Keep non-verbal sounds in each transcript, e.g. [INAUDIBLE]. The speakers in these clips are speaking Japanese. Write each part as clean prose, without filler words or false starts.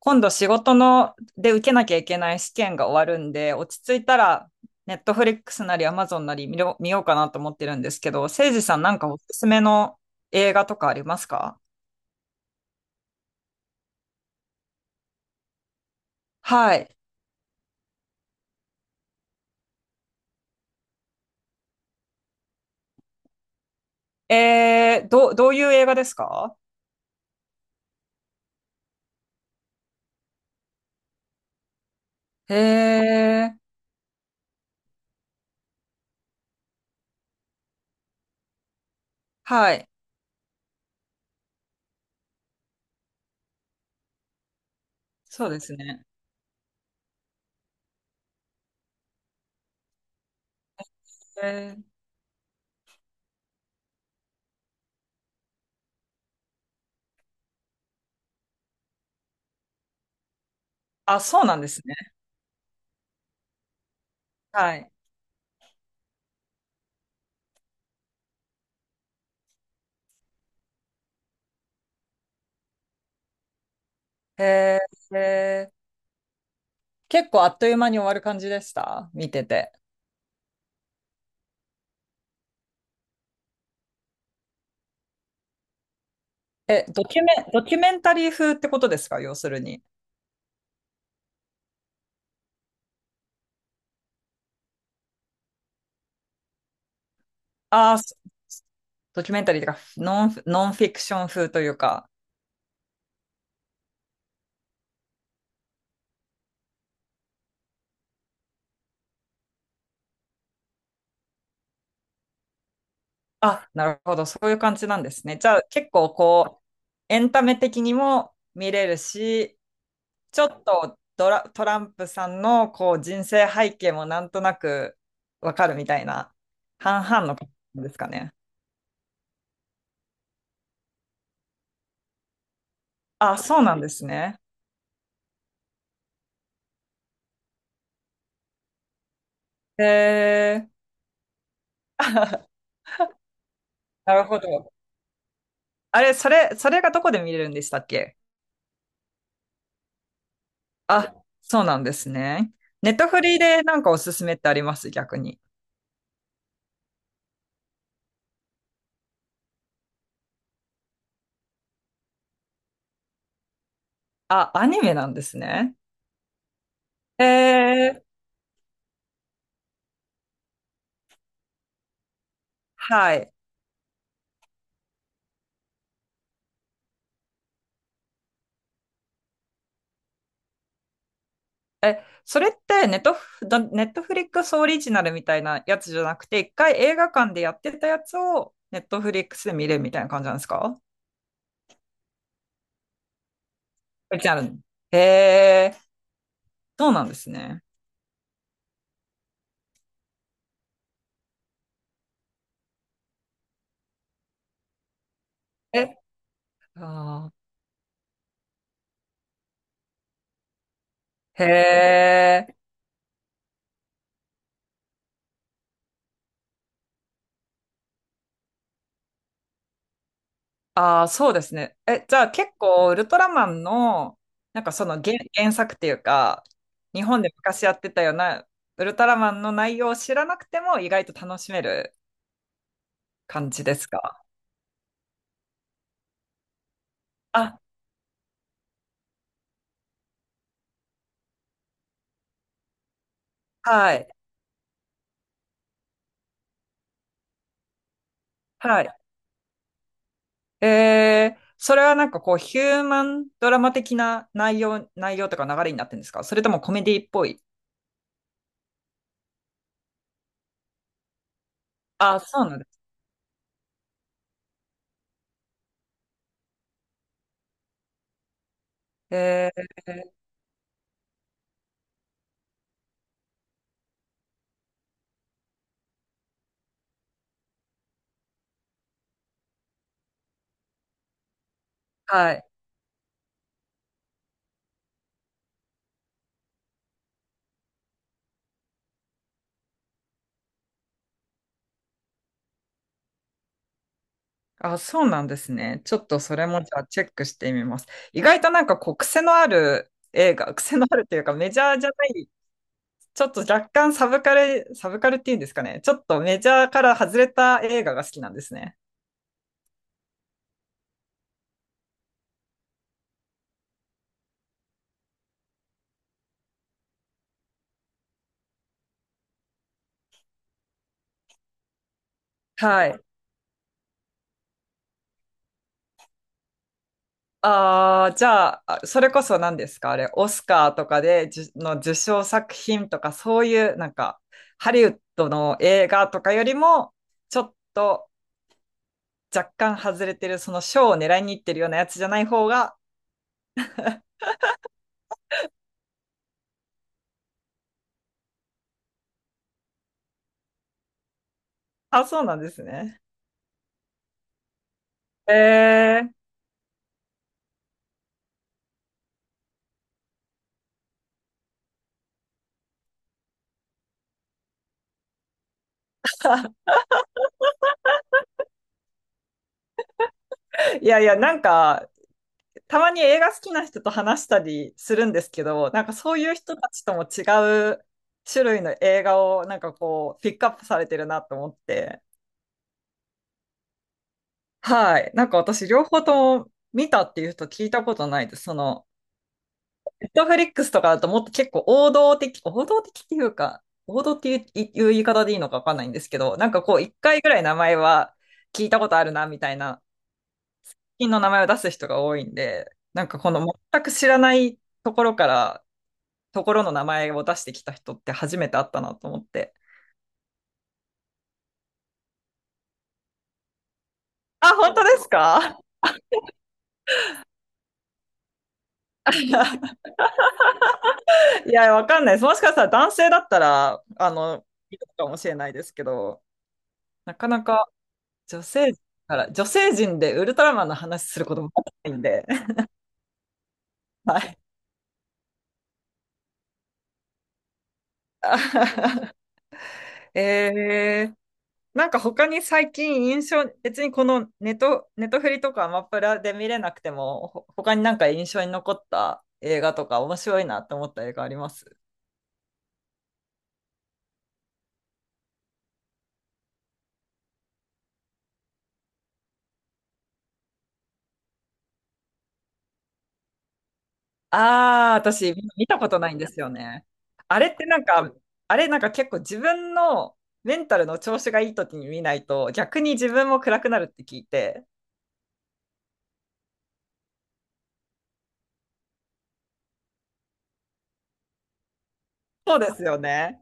今度仕事ので受けなきゃいけない試験が終わるんで、落ち着いたら、ネットフリックスなりアマゾンなり見ようかなと思ってるんですけど、せいじさんなんかおすすめの映画とかありますか？はい。どういう映画ですか？えー、はい。そうですね。えー、あ、そうなんですね。はい。えー、えー、結構あっという間に終わる感じでした見てて。え、ドキュメンタリー風ってことですか要するに。ああ、ドキュメンタリーというか、ノンフィクション風というか、あ、なるほど、そういう感じなんですね。じゃあ、結構こう、エンタメ的にも見れるし、ちょっとトランプさんのこう人生背景もなんとなくわかるみたいな、半々の感じですかね。あ、そうなんですね。へー。 [LAUGHS] なるほど。あれ、それがどこで見れるんでしたっけ？あ、そうなんですね。ネットフリーでなんかおすすめってあります逆に？あ、アニメなんですね。えー、はい。え、それってネットフリックスオリジナルみたいなやつじゃなくて、一回映画館でやってたやつをネットフリックスで見れるみたいな感じなんですか？オリジナル。へー、そうなんですね。え、あー、へー、あー、そうですね。え、じゃあ結構ウルトラマンの、なんかその原作っていうか、日本で昔やってたようなウルトラマンの内容を知らなくても意外と楽しめる。感じですか？あ、はい、はい。それはなんかこう、ヒューマンドラマ的な内容とか流れになってるんですかそれともコメディっぽい？あ、そうなんです。えー、はい。あ、そうなんですね。ちょっとそれもじゃあチェックしてみます。意外となんかこう、癖のある映画、[LAUGHS] 癖のあるというかメジャーじゃない、ちょっと若干サブカルっていうんですかね。ちょっとメジャーから外れた映画が好きなんですね。はい。ああ、じゃあ、それこそ何ですかあれ、オスカーとかで、じゅの受賞作品とか、そういう、なんか、ハリウッドの映画とかよりも、ちょっと若干外れてる、その賞を狙いに行ってるようなやつじゃない方が、あ、そうなんですね。えー、いやいや、なんか、たまに映画好きな人と話したりするんですけど、なんかそういう人たちとも違う種類の映画を、なんかこう、ピックアップされてるなと思って。はい。なんか私、両方とも見たっていう人聞いたことないです。その、ネットフリックスとかだともっと結構王道的っていうか、王道っていう、いう言い方でいいのかわかんないんですけど、なんかこう、一回ぐらい名前は聞いたことあるな、みたいな、品の名前を出す人が多いんで、なんかこの全く知らないところから、ところの名前を出してきた人って初めて会ったなと思って。あ、本当ですか？ [LAUGHS] いや、わかんないです。もしかしたら男性だったら、いるかもしれないですけど、なかなか女性陣でウルトラマンの話することもないんで。[LAUGHS] はい。[LAUGHS] えー、なんか他に最近別にこのネトフリとかアマプラで見れなくても、他になんか印象に残った映画とか面白いなって思った映画あります？ああー、私見たことないんですよね。あれってなんか、あれなんか結構自分のメンタルの調子がいい時に見ないと逆に自分も暗くなるって聞いて。そうですよね。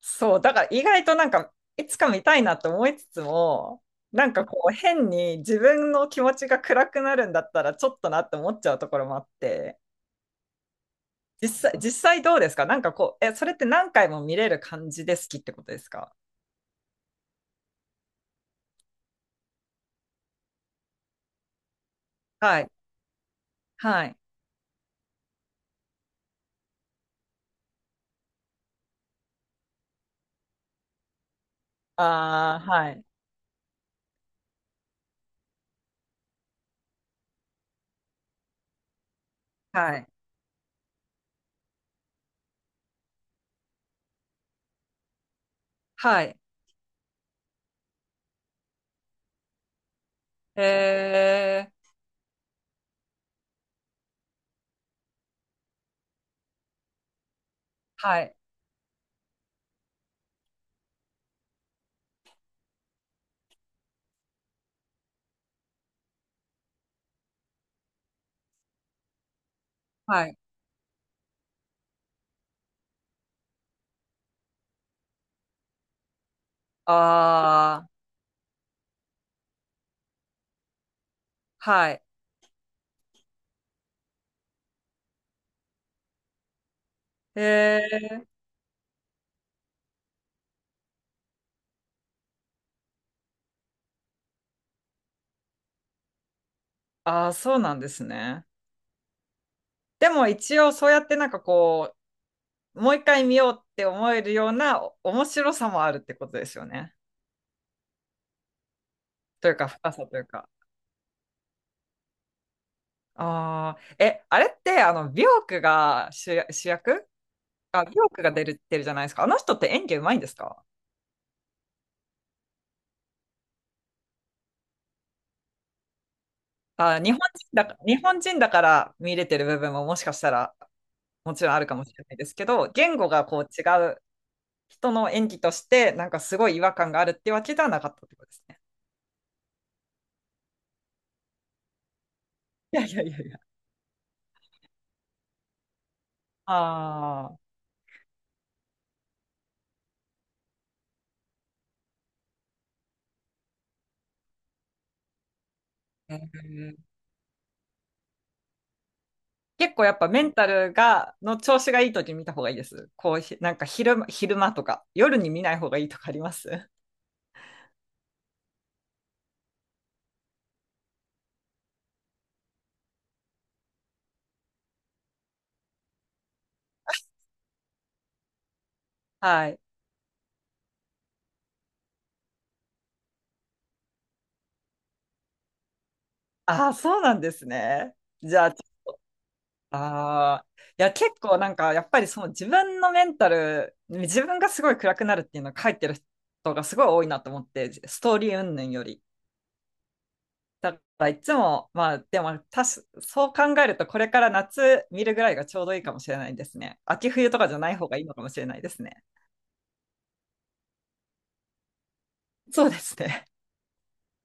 そう、だから意外となんか、いつか見たいなと思いつつも、なんかこう変に自分の気持ちが暗くなるんだったらちょっとなって思っちゃうところもあって、実際どうですかなんかこう、え、それって何回も見れる感じで好きってことですか？はい、はい、ああ、はい、はい、はい、えー、はい、はい、ああ、はい、えー、ああ、そうなんですね。でも一応そうやってなんかこう、もう一回見ようって思えるような面白さもあるってことですよね。というか、深さというか。ああ、え、あれって、あの、ビョークが主役。あ、ビョークが出るってるじゃないですか。あの人って演技うまいんですか？あ、日本人だから見れてる部分ももしかしたらもちろんあるかもしれないですけど、言語がこう違う人の演技として、なんかすごい違和感があるってわけではなかったってことですね。いやいやいやいや。ああ。へー。結構やっぱメンタルが、の調子がいい時に見た方がいいです。こうひ、なんか昼間とか、夜に見ない方がいいとかあります？ [LAUGHS] はい。ああ、そうなんですね。じゃあ、ああ、いや、結構なんか、やっぱりその自分のメンタル、自分がすごい暗くなるっていうのを書いてる人がすごい多いなと思って、ストーリー云々より。だからいつも、まあ、でも、そう考えると、これから夏見るぐらいがちょうどいいかもしれないですね。秋冬とかじゃない方がいいのかもしれないですね。そうですね。